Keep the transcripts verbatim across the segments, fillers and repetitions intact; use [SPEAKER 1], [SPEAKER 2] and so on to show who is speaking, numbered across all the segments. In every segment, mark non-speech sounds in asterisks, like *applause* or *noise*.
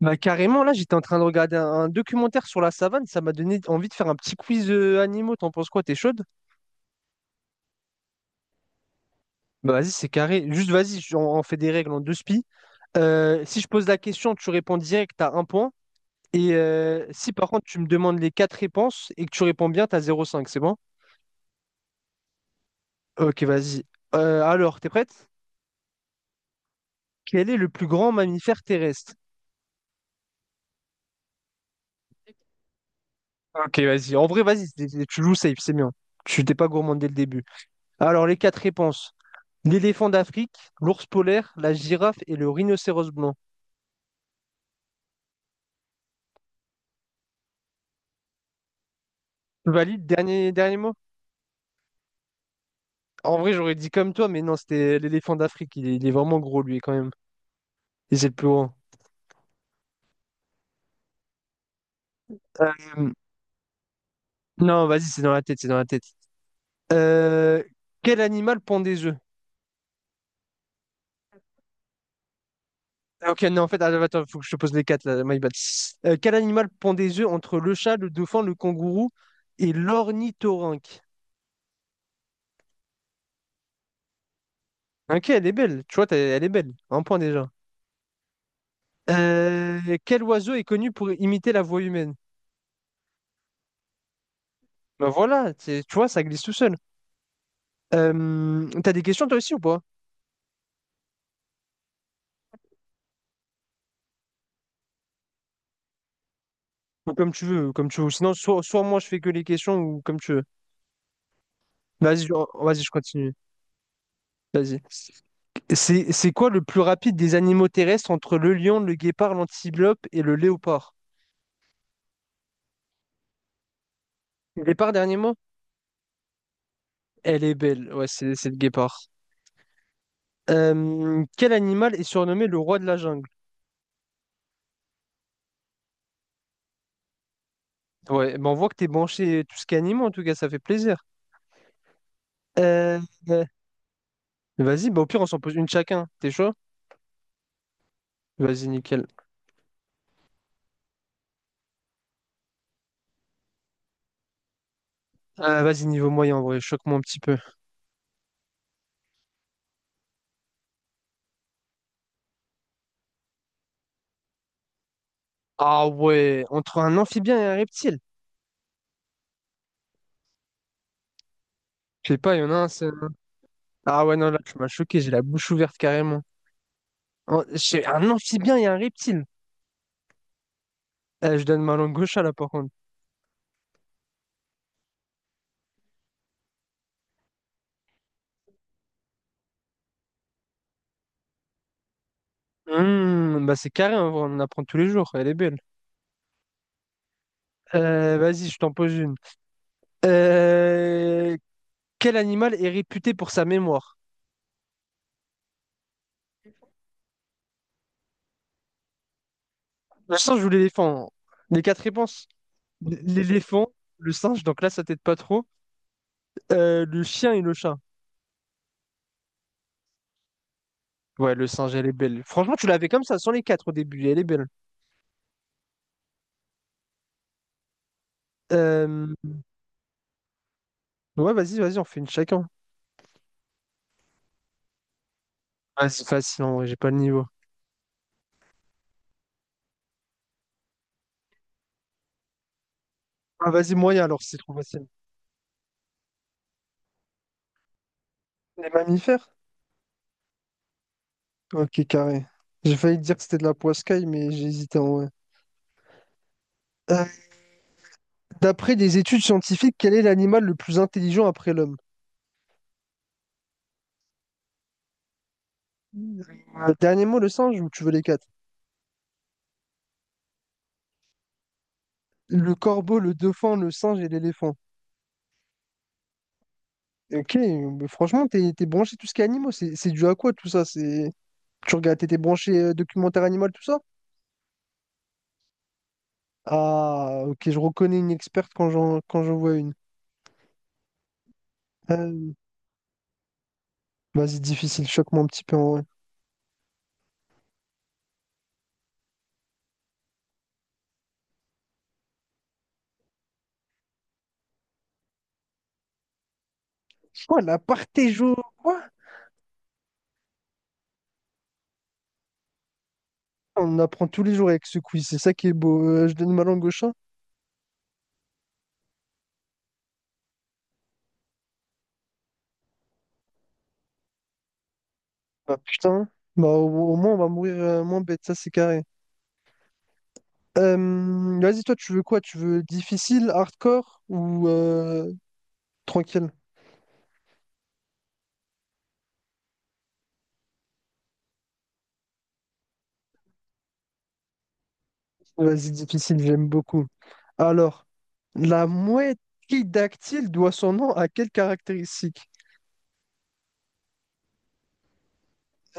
[SPEAKER 1] Bah, carrément, là, j'étais en train de regarder un, un documentaire sur la savane. Ça m'a donné envie de faire un petit quiz euh, animaux. T'en penses quoi? T'es chaude? Bah, vas-y, c'est carré. Juste, vas-y, je- on, on fait des règles en deux spi. Euh, si je pose la question, tu réponds direct, t'as un point. Et euh, si par contre, tu me demandes les quatre réponses et que tu réponds bien, t'as zéro virgule cinq. C'est bon? Ok, vas-y. Euh, alors, t'es prête? Quel est le plus grand mammifère terrestre? Ok, vas-y. En vrai, vas-y, c'est- c'est- tu joues safe, c'est bien. Tu t'es pas gourmand dès le début. Alors, les quatre réponses. L'éléphant d'Afrique, l'ours polaire, la girafe et le rhinocéros blanc. Valide, dernier, dernier mot? En vrai, j'aurais dit comme toi, mais non, c'était l'éléphant d'Afrique. Il est, il est vraiment gros, lui, quand même. Et c'est le plus grand. Euh, non, vas-y, c'est dans la tête, c'est dans la tête. Euh, Quel animal pond des œufs? Ah, ok, non, en fait, attends, attends, faut que je te pose les quatre, là, my bad. Euh, quel animal pond des œufs entre le chat, le dauphin, le kangourou et l'ornithorynque? Ok, elle est belle. Tu vois, t'as- elle est belle. Un point déjà. Euh, quel oiseau est connu pour imiter la voix humaine? Ben voilà, c'est- tu vois, ça glisse tout seul. Euh, t'as des questions toi aussi ou pas? Ou comme tu veux, comme tu veux. Sinon, soit, soit moi je fais que les questions ou comme tu veux. Vas-y, je- Vas-y, je continue. Vas-y. C'est, c'est quoi le plus rapide des animaux terrestres entre le lion, le guépard, l'antilope et le léopard? Guépard, dernier mot? Elle est belle. Ouais, c'est c'est le guépard. Euh, quel animal est surnommé le roi de la jungle? Ouais, ben on voit que t'es branché tout ce qui est animaux, en tout cas, ça fait plaisir. Euh, euh, Vas-y, bah au pire, on s'en pose une chacun. T'es chaud? Vas-y, nickel. Euh, vas-y, niveau moyen, en vrai, choque-moi un petit peu. Ah ouais, entre un amphibien et un reptile. Je sais pas, il y en a un, c'est... Ah ouais, non, là, tu m'as choqué, j'ai la bouche ouverte carrément. En- j'ai un amphibien et un reptile. Euh, je donne ma langue gauche à là, par contre. Hmm, bah c'est carré, en vrai, on en apprend tous les jours, elle est belle. Euh, vas-y, je t'en pose une. Euh, Quel animal est réputé pour sa mémoire? Le singe ou l'éléphant? Les quatre réponses. L- L'éléphant, le singe, donc là, ça t'aide pas trop. Euh, le chien et le chat. Ouais, le singe, elle est belle. Franchement, tu l'avais comme ça, sans les quatre au début, elle est belle. Euh, Ouais, vas-y, vas-y, on fait une chacun. Ah, c'est facile, en vrai, j'ai pas le niveau. Ah, vas-y, moyen, alors, c'est trop facile. Les mammifères? Ok, carré. J'ai failli dire que c'était de la poiscaille, mais j'ai hésité en vrai. Euh, D'après des études scientifiques, quel est l'animal le plus intelligent après l'homme? Euh, dernier mot, le singe, ou tu veux les quatre? Le corbeau, le dauphin, le singe et l'éléphant. Ok, mais franchement, t'es t'es branché tout ce qui est animaux. C'est c'est dû à quoi tout ça? C'est... Tu regardes, t'étais branché euh, documentaire animal, tout ça? Ah, ok, je reconnais une experte quand j'en quand j'en vois une. Euh, Vas-y, difficile, choque-moi un petit peu en vrai. Oh, la partéjo, quoi? On apprend tous les jours avec ce quiz, c'est ça qui est beau. Euh, je donne ma langue au chat? Bah putain, bah au, au moins on va mourir euh, moins bête, ça c'est carré. Euh, vas-y, toi, tu veux quoi? Tu veux difficile, hardcore ou euh, tranquille? Vas-y, difficile, j'aime beaucoup. Alors, la mouette dactyle doit son nom à quelle caractéristique?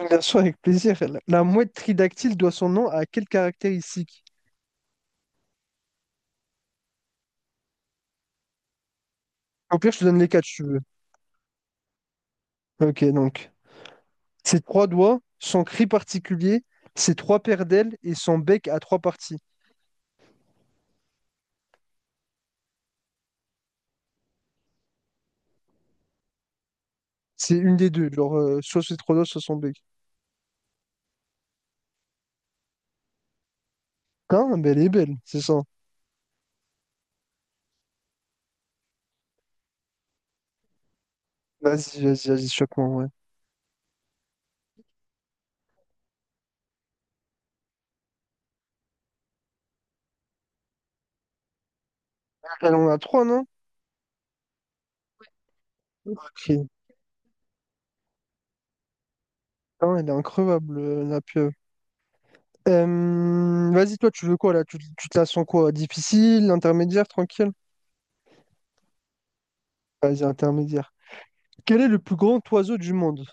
[SPEAKER 1] Bien sûr, avec plaisir. La la mouette tridactyle doit son nom à quelle caractéristique? Au pire, je te donne les quatre, si tu veux. Ok, donc, ses trois doigts, son cri particulier, ses trois paires d'ailes et son bec à trois parties. C'est une des deux, genre, euh, soit ses trois doigts, soit son bec. Hein, mais elle est belle, c'est ça. Vas-y, vas-y, vas-y, choque-moi, ouais. Elle en a trois, non? Ok. Non, elle est increvable, euh, la pieuvre. Euh, vas-y, toi, tu veux quoi, là? Tu, tu te la sens quoi? Difficile, intermédiaire, tranquille? Vas-y, intermédiaire. Quel est le plus grand oiseau du monde?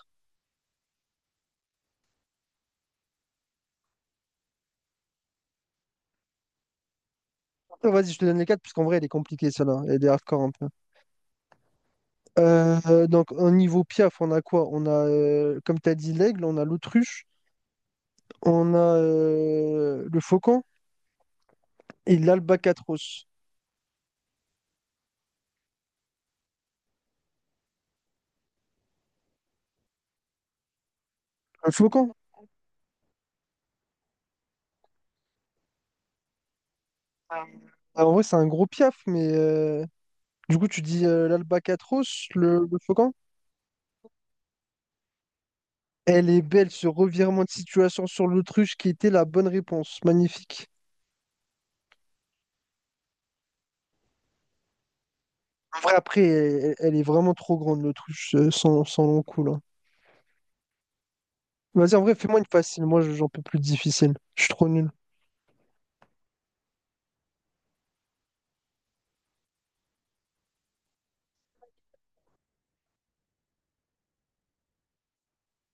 [SPEAKER 1] Euh, Vas-y, je te donne les quatre, parce qu'en vrai, elle est compliquée, celle-là. Elle est hardcore un peu. Euh, euh, donc, au niveau Piaf, on a quoi? On a, euh, comme tu as dit, l'aigle, on a l'autruche, on a euh, le faucon et l'albatros. Le faucon? Ah, en vrai, c'est un gros Piaf, mais euh, du coup, tu dis euh, l'albatros, le, le faucon? Elle est belle, ce revirement de situation sur l'autruche qui était la bonne réponse. Magnifique. En vrai, après, elle, elle est vraiment trop grande, l'autruche, euh, sans, sans long coup, là. Vas-y, en vrai, fais-moi une facile. Moi, j'en peux plus de difficile. Je suis trop nul.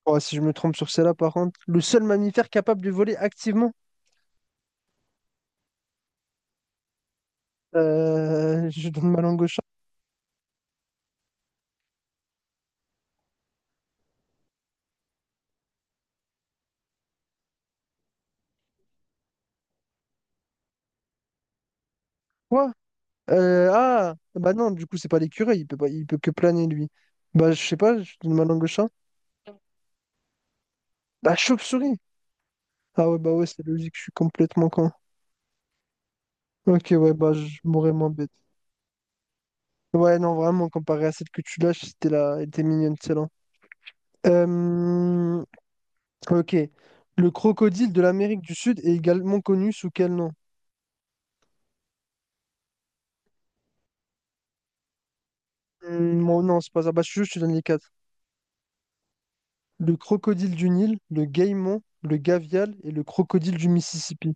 [SPEAKER 1] Oh, si je me trompe sur celle-là, par contre, le seul mammifère capable de voler activement. Euh, *laughs* je donne ma langue au chat. Quoi? Euh, ah, bah non, du coup, c'est pas l'écureuil. Il peut pas, il peut que planer, lui. Bah, je sais pas, je donne ma langue au chat. La chauve-souris. Ah ouais, bah ouais, c'est logique, je suis complètement con. Ok, ouais, bah, je mourrais moins bête. Ouais, non, vraiment, comparé à celle que tu lâches, c'était là, elle était mignonne, celle-là. Euh, Ok. Le crocodile de l'Amérique du Sud est également connu sous quel nom? Hmm, bon, non, c'est pas ça. Bah, je, je te donne les quatre. Le crocodile du Nil, le caïman, le gavial et le crocodile du Mississippi.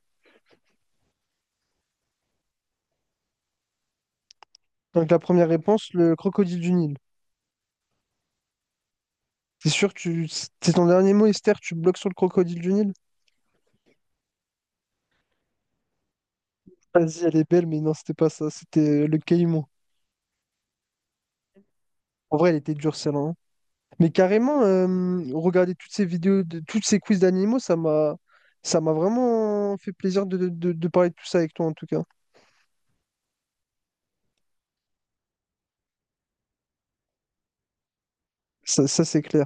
[SPEAKER 1] Donc la première réponse, le crocodile du Nil. T'es sûr que tu... c'est ton dernier mot, Esther? Tu bloques sur le crocodile du Nil? Vas-y, elle est belle, mais non, c'était pas ça. C'était le caïman. En vrai, elle était dure, celle-là, hein. Mais carrément, euh, regarder toutes ces vidéos, de... toutes ces quiz d'animaux, ça m'a ça m'a vraiment fait plaisir de de- de- de parler de tout ça avec toi, en tout cas. Ça, ça, c'est clair.